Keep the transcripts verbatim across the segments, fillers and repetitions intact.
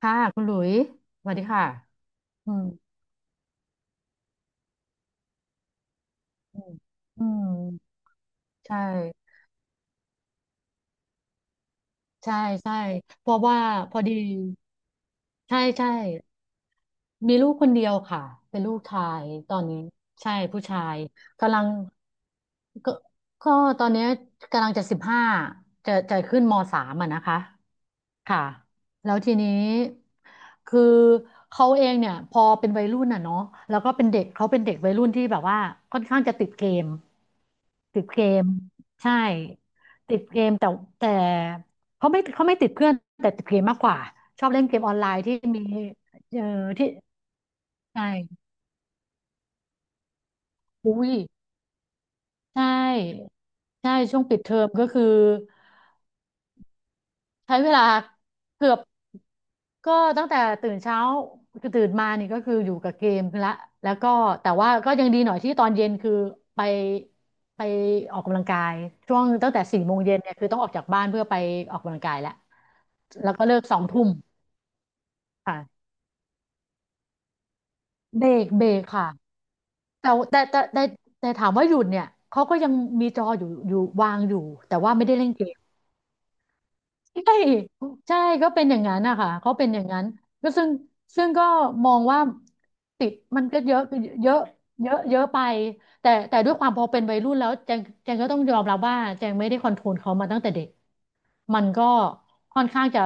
ค่ะคุณหลุยสวัสดีค่ะอืมอืมอืมใช่ใช่ใช่เพราะว่าพอดีใช่ใช่มีลูกคนเดียวค่ะเป็นลูกชายตอนนี้ใช่ผู้ชายกำลังก็ก็ตอนเนี้ยกำลังจะสิบห้าจะจะขึ้นมสามอ่ะนะคะ ค่ะแล้วทีนี้คือเขาเองเนี่ยพอเป็นวัยรุ่นอ่ะเนาะแล้วก็เป็นเด็กเขาเป็นเด็กวัยรุ่นที่แบบว่าค่อนข้างจะติดเกมติดเกมใช่ติดเกมแต่แต่เขาไม่เขาไม่ติดเพื่อนแต่ติดเกมมากกว่าชอบเล่นเกมออนไลน์ที่มีเอ่อที่ใช่อุ้ยใช่ใช่ช่วงปิดเทอมก็คือ ใช้เวลาเกือบก็ตั้งแต่ตื่นเช้าคือตื่นมานี่ก็คืออยู่กับเกมละแล้วก็แต่ว่าก็ยังดีหน่อยที่ตอนเย็นคือไปไปออกกำลังกายช่วงตั้งแต่สี่โมงเย็นเนี่ยคือต้องออกจากบ้านเพื่อไปออกกำลังกายแล้วแล้วก็เลิกสองทุ่มค่ะเบรกเบรกค่ะแต่แต่แต่แต่แต่ถามว่าหยุดเนี่ยเขาก็ยังมีจออยู่อยู่วางอยู่แต่ว่าไม่ได้เล่นเกม ใช่ใช่ก็เป็นอย่างนั้นนะคะเขาเป็นอย่างนั้นก็ซึ่งซึ่งก็มองว่าติดมันก็เยอะเยอะเยอะเยอะไปแต่แต่ด้วยความพอเป็นวัยรุ่นแล้วแจงแจงก็ต้องยอมรับว่าแจงไม่ได้คอนโทรลเขามาตั้งแต่เด็กมันก็ค่อนข้างจะ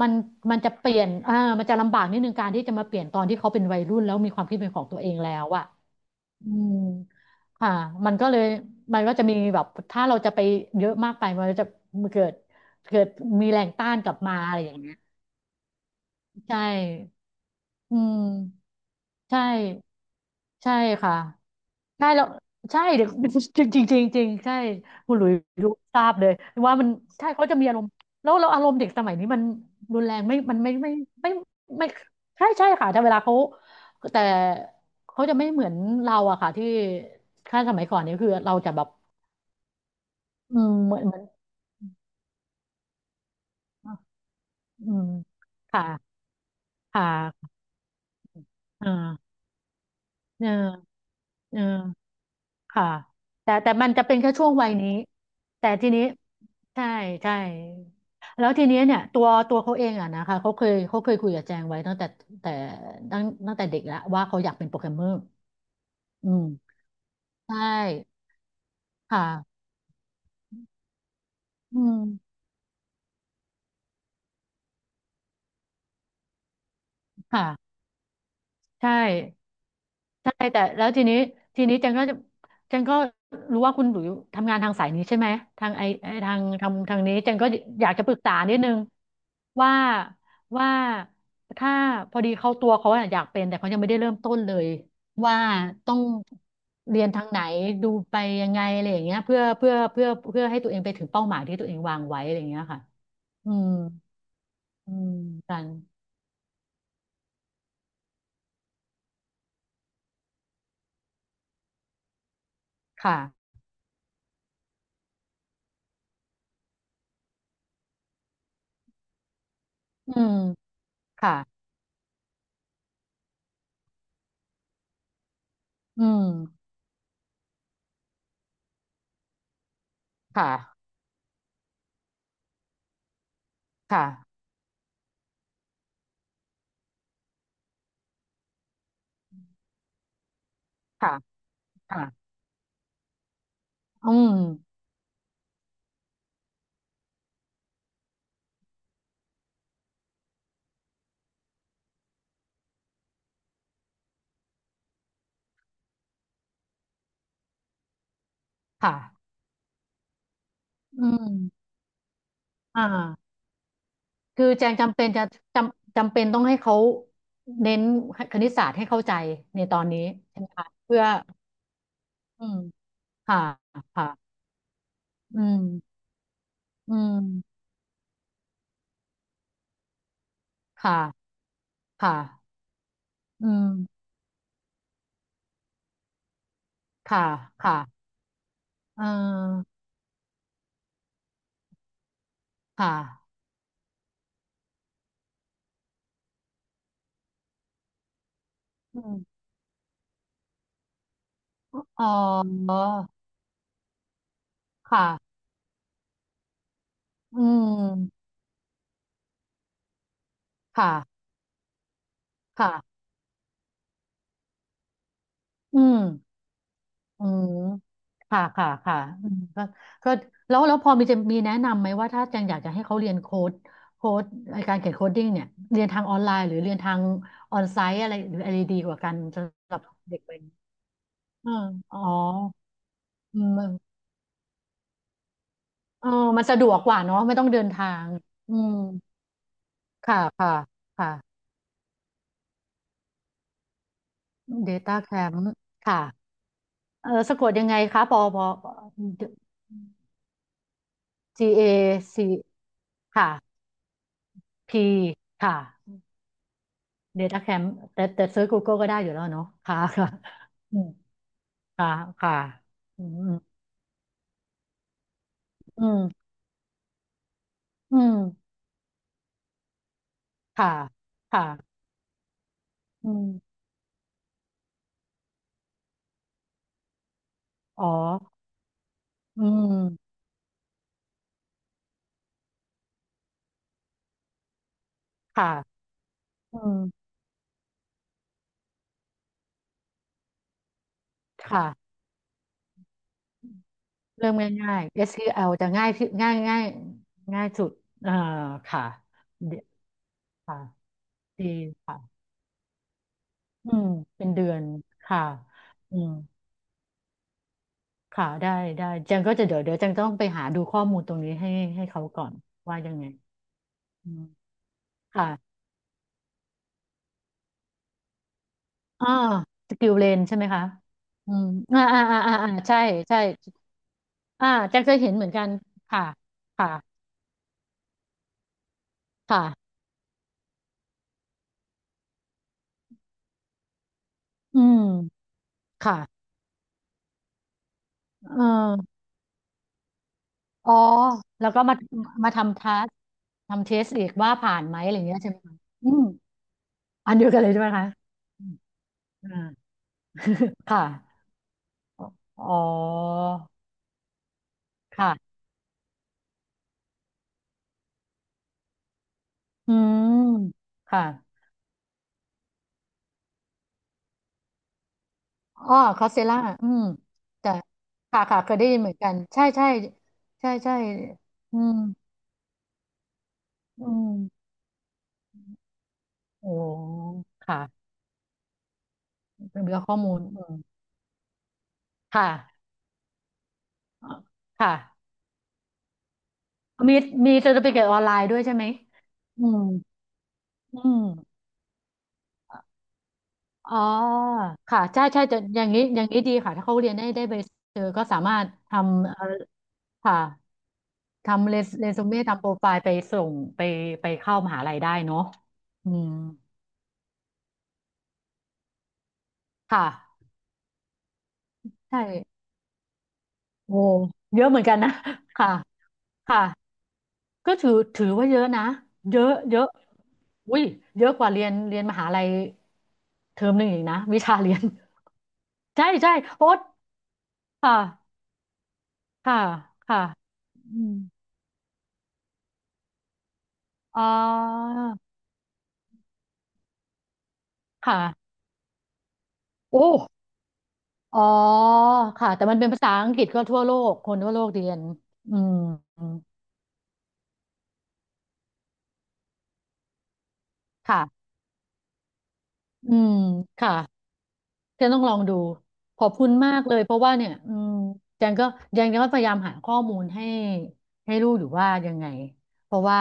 มันมันจะเปลี่ยนอ่ามันจะลำบากนิดนึงการที่จะมาเปลี่ยนตอนที่เขาเป็นวัยรุ่นแล้วมีความคิดเป็นของตัวเองแล้วอะ อืมค่ะมันก็เลยมันก็จะมีแบบถ้าเราจะไปเยอะมากไปมันก็จะเกิดเกิดมีแรงต้านกลับมาอะไรอย่างเงี้ยใช่อืมใช่ใช่ค่ะใช่แล้วใช่เดี๋ยว จริงจริงจริงจริงใช่คุณหลุยรู้ทราบเลยว่ามันใช่เขาจะมีอารมณ์แล้วเราอารมณ์เด็กสมัยนี้มันรุนแรงไม่มันไม่ไม่ไม่ไม่ไม่ใช่ใช่ค่ะแต่เวลาเขาแต่เขาจะไม่เหมือนเราอะค่ะที่ถ้าสมัยก่อนเนี่ยคือเราจะแบบ อืมเหมือนเหมือนอืมค่ะค่ะอ่าเออเออค่ะแต่แต่มันจะเป็นแค่ช่วงวัยนี้แต่ทีนี้ใช่ใช่แล้วทีนี้เนี่ยตัวตัวเขาเองอะนะคะเขาเคยเขาเคยคุยกับแจงไว้ตั้งแต่แต่ตั้งตั้งแต่เด็กแล้วว่าเขาอยากเป็นโปรแกรมเมอร์อืมใช่ค่ะอืมค่ะใช่ ใช่แต่แล้วทีนี้ทีนี้จันก็จะจันก็รู้ว่าคุณหลุยทำงานทางสายนี้ใช่ไหมทางไอไอทางทางทางนี้จันก็อยากจะปรึกษานิดนึงว่าว่าถ้าพอดีเขาตัวเขาอะอยากเป็นแต่เขายังไม่ได้เริ่มต้นเลยว่าต้องเรียนทางไหนดูไปยังไงอะไรอย่างเงี้ยเพื่อเพื่อเพื่อเพื่อให้ตัวเองไปถึงเป้าหมายที่ตัวเองวางไว้อะไรอย่างเงี้ยค่ะอืมอืมกันค่ะอืมค่ะอืมค่ะค่ะค่ะค่ะ อืมค่ะอืมอ่าคือแจงจำเป็นจะจำจำเป็นต้องให้เขาเน้นคณิตศาสตร์ให้เข้าใจในตอนนี้ใช่ไหมคะเพื่ออืมค่ะค่ะอืมอืมค่ะค่ะ อืมค่ะค่ะเอ่อค่ะอืมอ๋อค่ะอืมค่ะค่ะอืม อืมค่ะค่ะค่ะอืมก็ก็แล้วแล้วพอมีจะมีแนะนำไหมว่าถ้าจังอยากจะให้เขาเรียนโค้ดโค้ดไอ้การเขียนโคดดิ้งเนี่ยเรียนทางออนไลน์หรือเรียนทางออนไซต์อะไรหรืออะไรดีกว่ากันสำหรับเด็กเป็นอมอ๋ออืมเออมันสะดวกกว่าเนาะไม่ต้องเดินทางอืมค่ะค่ะ ค่ะ Data Camp ค่ะเออสะกดยังไงคะปอปอ G A C ค่ะ P ค่ะ Data Camp แต่แต่เซิร์ช Google ก็ได้อยู่แล้วเนาะค่ะค่ะอืมค่ะค่ะอืมอืมอืมค่ะค่ะอืมอ๋ออืมค่ะอืมค่ะเริ่มง่ายๆ เอส คิว แอล จะง่ายที่ง่ายง่ายง่ายสุดเอ่อค่ะเดค่ะดีค่ะอืมเป็นเดือนค่ะอืมค่ะได้ได้จังก็จะเดี๋ยวเดี๋ยวจังต้องไปหาดูข้อมูลตรงนี้ให้ให้เขาก่อนว่ายังไงอืมค่ะ อ่าสกิลเลนใช่ไหมคะอืมอ่าอ่าอ่าอ่าอ่าใช่ใช่อ่าแจ็คเคยเห็นเหมือนกันค่ะค่ะค่ะอืมค่ะเอออ๋อแล้วก็มามาทำทัสทำเทสอีกว่าผ่านไหมอะไรอย่างเงี้ยใช่ไหมคะอืมอันเดียวกันเลยใช่ไหมคะอืมอ่า ค่ะอ๋อค่ะอืมค่ะอ๋อคอสเซล่าอืมแต่ค่ะค่ะเคยได้ยินเหมือนกันใช่ใช่ใช่ใช่อืม อืมโอ้ค่ะเป็นเรื่องข้อมูลอืมค่ะอ่ะค่ะมีมีเซอร์ติฟิเคตออนไลน์ด้วยใช่ไหมอืมอืมอ๋อค่ะใช่ใช่จะอย่างนี้อย่างนี้ดีค่ะถ้าเขาเรียนได้ได้ไปเจอก็สามารถทำเอ่อค่ะทำเรสเรซูเม่ทำโปรไฟล์ไปส่งไปไปเข้ามหาลัยได้เนาะอืมค่ะใช่โอ้เยอะเหมือนกันนะ ค่ะค่ะ ก็ถือถือว่าเยอะนะเยอะเยอะอุ้ยเยอะกว่าเรียนเรียนมหาลัยเทอมหนึ่งอีกนะ วิชาเรียนใช่ใช่โอ๊ตค่ะค่ะค่ะอืมอ่าค่ะโอ้อ๋อค่ะแต่มันเป็นภาษาอังกฤษก็ทั่วโลกคนทั่วโลกเรียนอืมค่ะอืมค่ะ เธอต้องลองดูขอบคุณมากเลยเพราะว่าเนี่ยอืมแจงก็แจงก็พยายามหาข้อมูลให้ให้ลูกอยู่ว่ายังไงเพราะว่า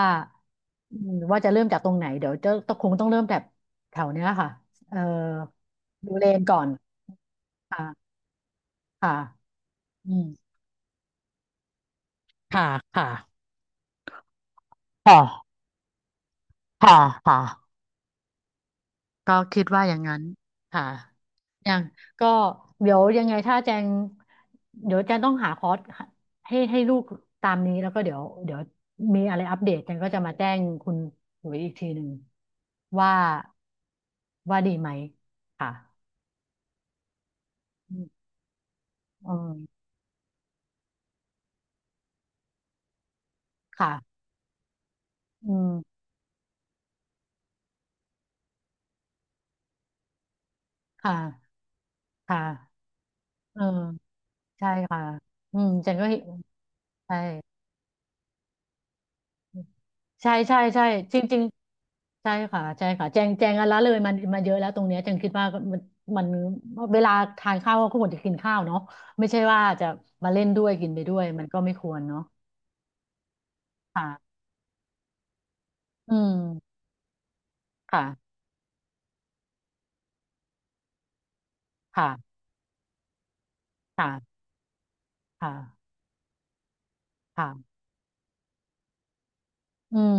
อืมว่าจะเริ่มจากตรงไหนเดี๋ยวจะต้องคงต้องเริ่มจากแถวเนี้ยค่ะเออดูเลนก่อนค่ะค่ะอืมค่ะค่ะค่ะค่ะค่ะ ก็คิดว่าอย่างนั้นค่ะอย่างก็เดี๋ยวยังไงถ้าแจงเดี๋ยวแจงต้องหาคอร์สให้ให้ลูกตามนี้แล้วก็เดี๋ยวเดี๋ยวมีอะไรอัปเดตแจงก็จะมาแจ้งคุณหลุยอีกทีหนึ่งว่าว่าดีไหมค่ะอืมอืมค่ะอืมค่ะค่ะเออใช่ค่ะอืมแจงก็เห็นใช่ ใช่ใช่ใช่จริงๆใช่ค่ะใช่ค่ะแจงแจงอันละเลยมันมาเยอะแล้วตรงเนี้ยแจงคิดว่ามันมันเวลาทานข้าวก็ควรจะกินข้าวเนาะไม่ใช่ว่าจะมาเล่นด้วยกินไปด้วยมันก็ไม่ควรเนาะค่ะอืมค่ะค่ะค่ะค่ะค่ะอืม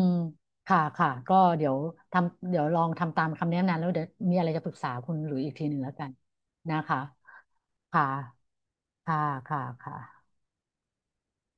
ค่ะค่ะก็เดี๋ยวทำเดี๋ยวลองทำตามคำแนะนำแล้วเดี๋ยวมีอะไรจะปรึกษาคุณหลุยอีกทีหนึ่งแล้วกันนะคะค่ะค่ะค่ะค่ะ